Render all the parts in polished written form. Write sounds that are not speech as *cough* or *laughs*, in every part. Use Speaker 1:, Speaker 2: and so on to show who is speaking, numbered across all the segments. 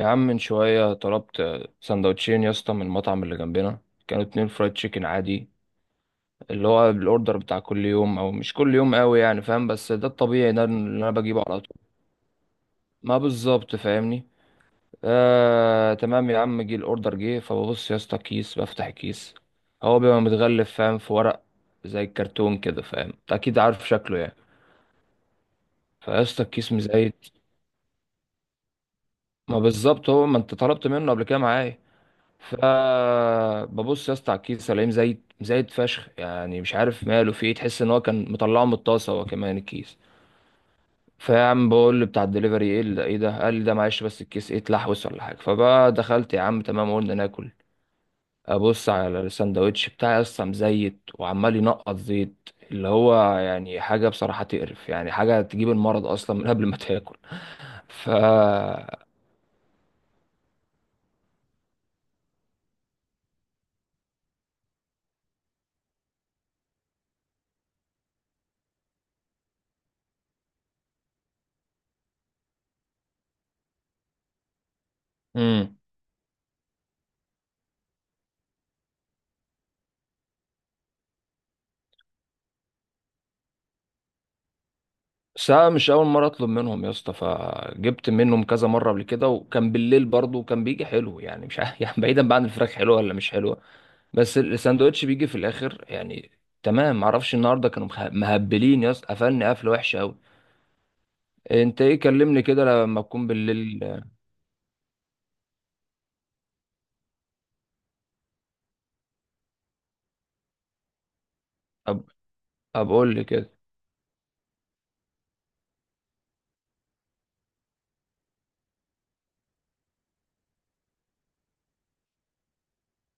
Speaker 1: يا عم من شوية طلبت سندوتشين يا اسطى من المطعم اللي جنبنا. كانوا اتنين فرايد تشيكن عادي، اللي هو الاوردر بتاع كل يوم او مش كل يوم قوي يعني، فاهم؟ بس ده الطبيعي، ده اللي انا بجيبه على طول. ما بالظبط، فاهمني؟ آه تمام. يا عم جه الاوردر، جه فببص يا اسطى كيس، بفتح الكيس. هو بيبقى متغلف، فاهم؟ في ورق زي الكرتون كده، فاهم؟ انت اكيد عارف شكله يعني. فيا اسطى الكيس مزيت. ما بالظبط، هو ما انت طلبت منه قبل كده معايا. فببص يا اسطى على الكيس الاقيه زايد زايد فشخ، يعني مش عارف ماله، في ايه؟ تحس ان هو كان مطلعه من الطاسه هو كمان الكيس. فيا عم بقول بتاع الدليفري، ايه ده؟ قال لي ده معلش، بس الكيس ايه، اتلحوس ولا حاجه؟ فبقى دخلت يا عم، تمام، قلنا ناكل. ابص على الساندوتش بتاعي اصلا مزيت وعمال ينقط زيت، اللي هو يعني حاجه بصراحه تقرف، يعني حاجه تجيب المرض اصلا من قبل ما تاكل. ف امم بس أنا مش أول مرة أطلب منهم يا اسطى، فجبت منهم كذا مرة قبل كده، وكان بالليل برضه وكان بيجي حلو، يعني مش عارف *laughs* يعني، بعيدا بقى عن الفراخ حلوة ولا مش حلوة، بس الساندوتش بيجي في الآخر يعني. تمام معرفش النهاردة كانوا مهبلين يا اسطى، قفلني قفلة وحشة أوي. أنت إيه، كلمني كده لما تكون بالليل. أب أقول لي كده.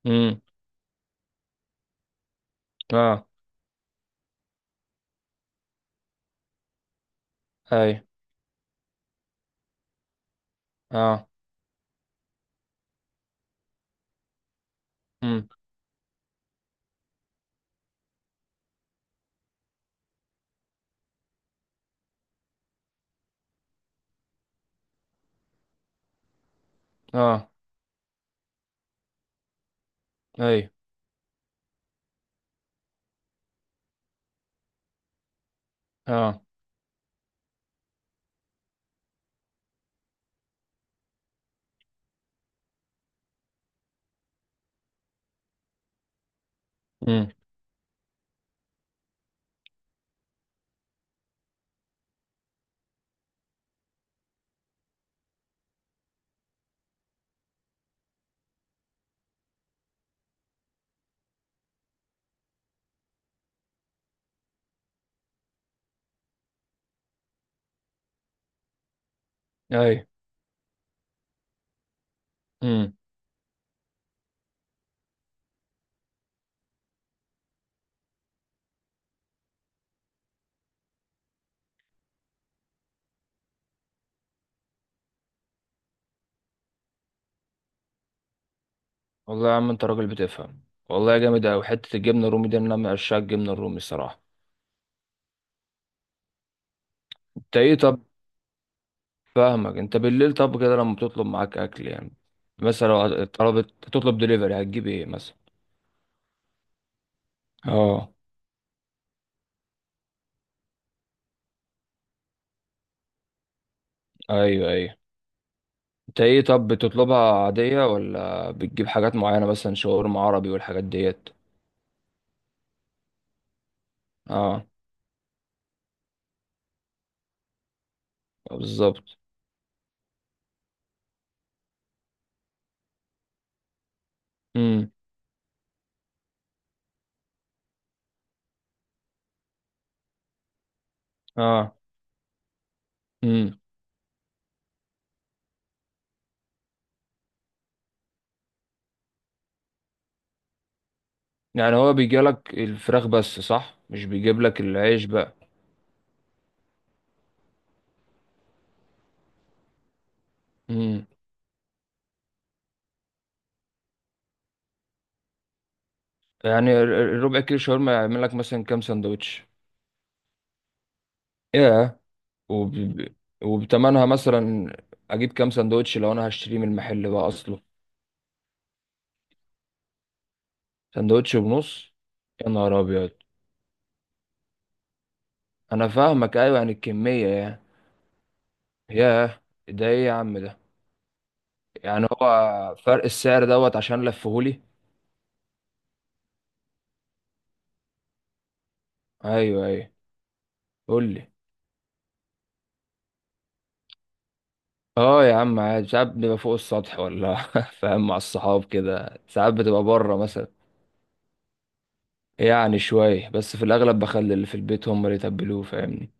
Speaker 1: أمم. أه. أي. أه. أمم. أه. أي. أه. أمم. أي. والله يا عم انت راجل بتفهم، والله جامد اوي. حته الجبنه الرومي دي، انا من عشاق الجبنه الرومي الصراحه. انت ايه طب؟ فاهمك. انت بالليل طب كده لما بتطلب معاك اكل يعني، مثلا لو طلبت تطلب دليفري هتجيب ايه مثلا؟ اه. ايوه ايوه. انت ايه طب، بتطلبها عاديه ولا بتجيب حاجات معينه، مثلا شاورما عربي والحاجات ديت؟ اه. بالظبط. امم. اه. امم. يعني هو بيجيلك الفراخ بس صح، مش بيجيب لك العيش بقى؟ امم. يعني الربع كيلو شاورما يعمل لك مثلا كام سندوتش؟ ياه. وب... وبتمنها مثلا اجيب كام سندوتش لو انا هشتريه من المحل بقى اصله؟ سندوتش ونص؟ يا نهار ابيض. انا فاهمك، ايوه يعني الكميه يعني. ياه، ده ايه يا عم ده؟ يعني هو فرق السعر دوت عشان لفهولي؟ ايوه ايوه. قول لي. اه يا عم عادي، ساعات بيبقى فوق السطح ولا *laughs* فاهم، مع الصحاب كده ساعات بتبقى بره مثلا. يعني شوية بس، في الأغلب بخلي اللي في البيت هم اللي يتبلوه، فاهمني؟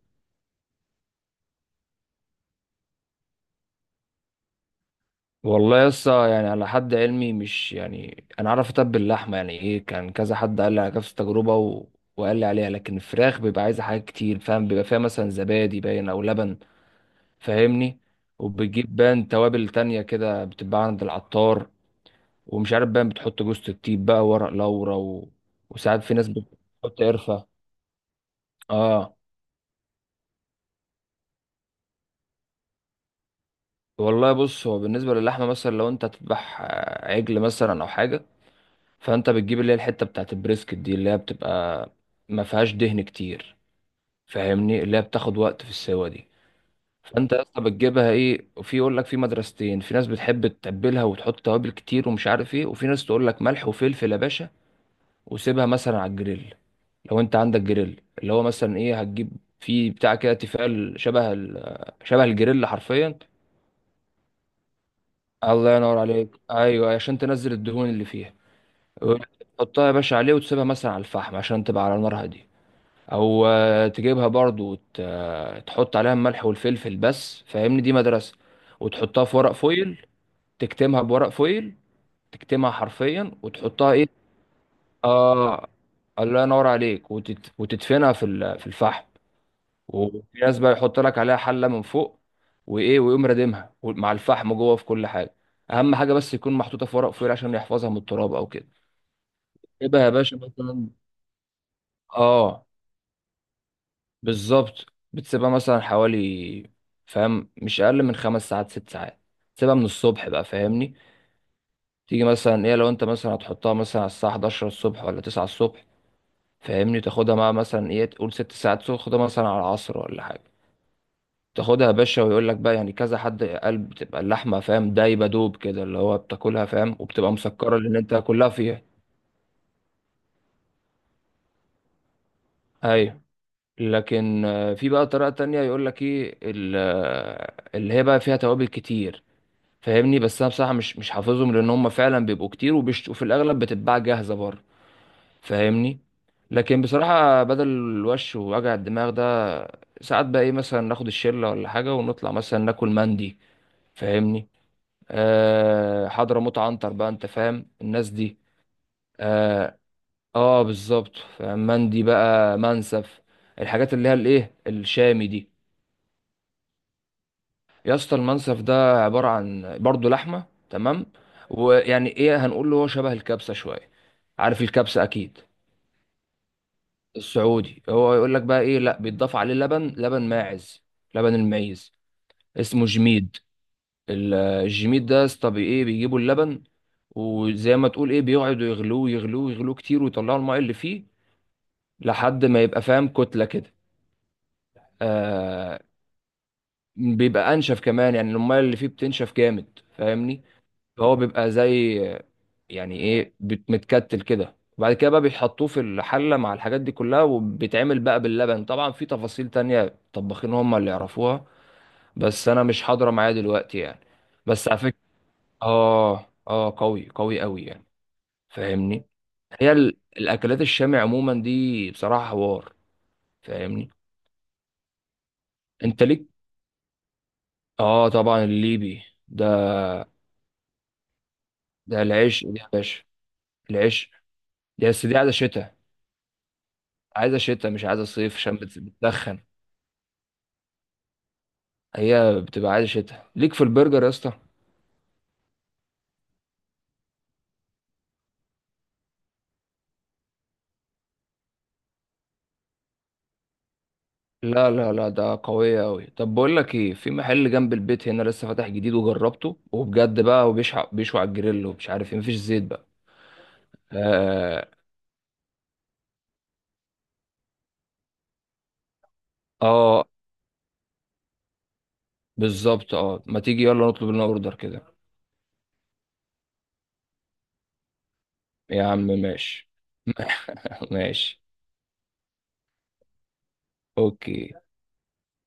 Speaker 1: والله يسا يعني، على حد علمي، مش يعني أنا أعرف أتبل لحمة يعني إيه، كان كذا حد قال لي على نفس التجربة وقال لي عليها، لكن الفراخ بيبقى عايزة حاجات كتير، فاهم؟ بيبقى فيها مثلا زبادي باين أو لبن، فاهمني؟ وبتجيب باين توابل تانية كده بتتباع عند العطار، ومش عارف باين بتحط جوز الطيب بقى، ورق لورا وساعات في ناس بتحط قرفة. اه. والله بص، هو بالنسبة للحمة مثلا لو انت هتذبح عجل مثلا او حاجة، فانت بتجيب اللي هي الحتة بتاعت البريسكت دي، اللي هي بتبقى ما فيهاش دهن كتير، فاهمني؟ اللي هي بتاخد وقت في السوا دي. فانت يا اسطى بتجيبها ايه، وفي يقول لك في مدرستين، في ناس بتحب تتبلها وتحط توابل كتير ومش عارف ايه، وفي ناس تقول لك ملح وفلفل يا باشا، وسيبها مثلا على الجريل. لو انت عندك جريل اللي هو مثلا ايه، هتجيب في بتاع كده تيفال شبه شبه الجريل حرفيا. الله ينور عليك، ايوه أيوة، عشان تنزل الدهون اللي فيها. تحطها يا باشا عليه وتسيبها مثلا على الفحم عشان تبقى على نار هاديه. او تجيبها برضو وت... آه، تحط عليها الملح والفلفل بس، فاهمني؟ دي مدرسه. وتحطها في ورق فويل، تكتمها بورق فويل، تكتمها حرفيا وتحطها ايه. اه. الله ينور عليك. وتدفنها في في الفحم. وفي ناس بقى يحط لك عليها حله من فوق وايه، ويقوم رادمها مع الفحم جوه في كل حاجه. اهم حاجه بس يكون محطوطه في ورق فويل عشان يحفظها من التراب او كده. تبقى يا باشا مثلا، اه بالظبط، بتسيبها مثلا حوالي، فاهم، مش اقل من خمس ساعات ست ساعات. تسيبها من الصبح بقى، فاهمني؟ تيجي مثلا ايه، لو انت مثلا هتحطها مثلا على الساعه 11 الصبح ولا 9 الصبح، فاهمني؟ تاخدها مع مثلا ايه، تقول ست ساعات، تاخدها مثلا على العصر ولا حاجه. تاخدها يا باشا، ويقول لك بقى، يعني كذا حد قال بتبقى اللحمه، فاهم، دايبه دوب كده، اللي هو بتاكلها، فاهم، وبتبقى مسكره لان انت كلها فيها. ايوه. لكن في بقى طريقه تانية، يقول لك ايه اللي هي بقى فيها توابل كتير، فاهمني؟ بس انا بصراحه مش حافظهم، لان هم فعلا بيبقوا كتير وفي الاغلب بتتباع جاهزه بره، فاهمني؟ لكن بصراحه بدل الوش ووجع الدماغ ده، ساعات بقى ايه مثلا، ناخد الشله ولا حاجه ونطلع مثلا ناكل مندي، فاهمني؟ آه حضرموت عنتر بقى، انت فاهم الناس دي. اه. آه بالظبط، فاهم؟ مندي بقى، منسف، الحاجات اللي هي الايه، الشامي دي. يا اسطى المنسف ده عبارة عن برضه لحمة، تمام؟ ويعني ايه هنقول له، هو شبه الكبسة شوية، عارف الكبسة اكيد. السعودي. هو يقول لك بقى ايه، لا، بيتضاف عليه لبن، لبن ماعز، لبن المعيز، اسمه جميد. الجميت ده يا اسطى ايه، بيجيبوا اللبن وزي ما تقول ايه بيقعدوا يغلوه يغلوه يغلوه كتير ويطلعوا الماء اللي فيه لحد ما يبقى، فاهم، كتلة كده. آه. بيبقى انشف كمان، يعني الماء اللي فيه بتنشف جامد، فاهمني؟ فهو بيبقى زي يعني ايه، متكتل كده، وبعد كده بقى بيحطوه في الحلة مع الحاجات دي كلها وبيتعمل بقى باللبن. طبعا في تفاصيل تانية طباخين هم اللي يعرفوها، بس انا مش حاضرة معايا دلوقتي يعني. بس على فكرة، اه اه قوي قوي قوي يعني، فاهمني؟ هي الاكلات الشامي عموما دي بصراحه حوار، فاهمني؟ انت ليك؟ اه طبعا، الليبي ده. ده العيش دي يا باشا، العيش دي، بس دي عايزه شتاء. عايزه شتاء، مش عايزه صيف، عشان بتدخن. هي بتبقى عايزه شتاء. ليك في البرجر يا اسطى؟ لا لا لا، ده قوية أوي. طب بقول لك إيه، في محل جنب البيت هنا لسه فاتح جديد، وجربته وبجد بقى، وبيشوي بيشوي على الجريل ومش عارف إيه، مفيش زيت بقى. آه. آه بالظبط آه، ما تيجي يلا نطلب لنا أوردر كده. يا عم ماشي. *laughs* ماشي. اوكي.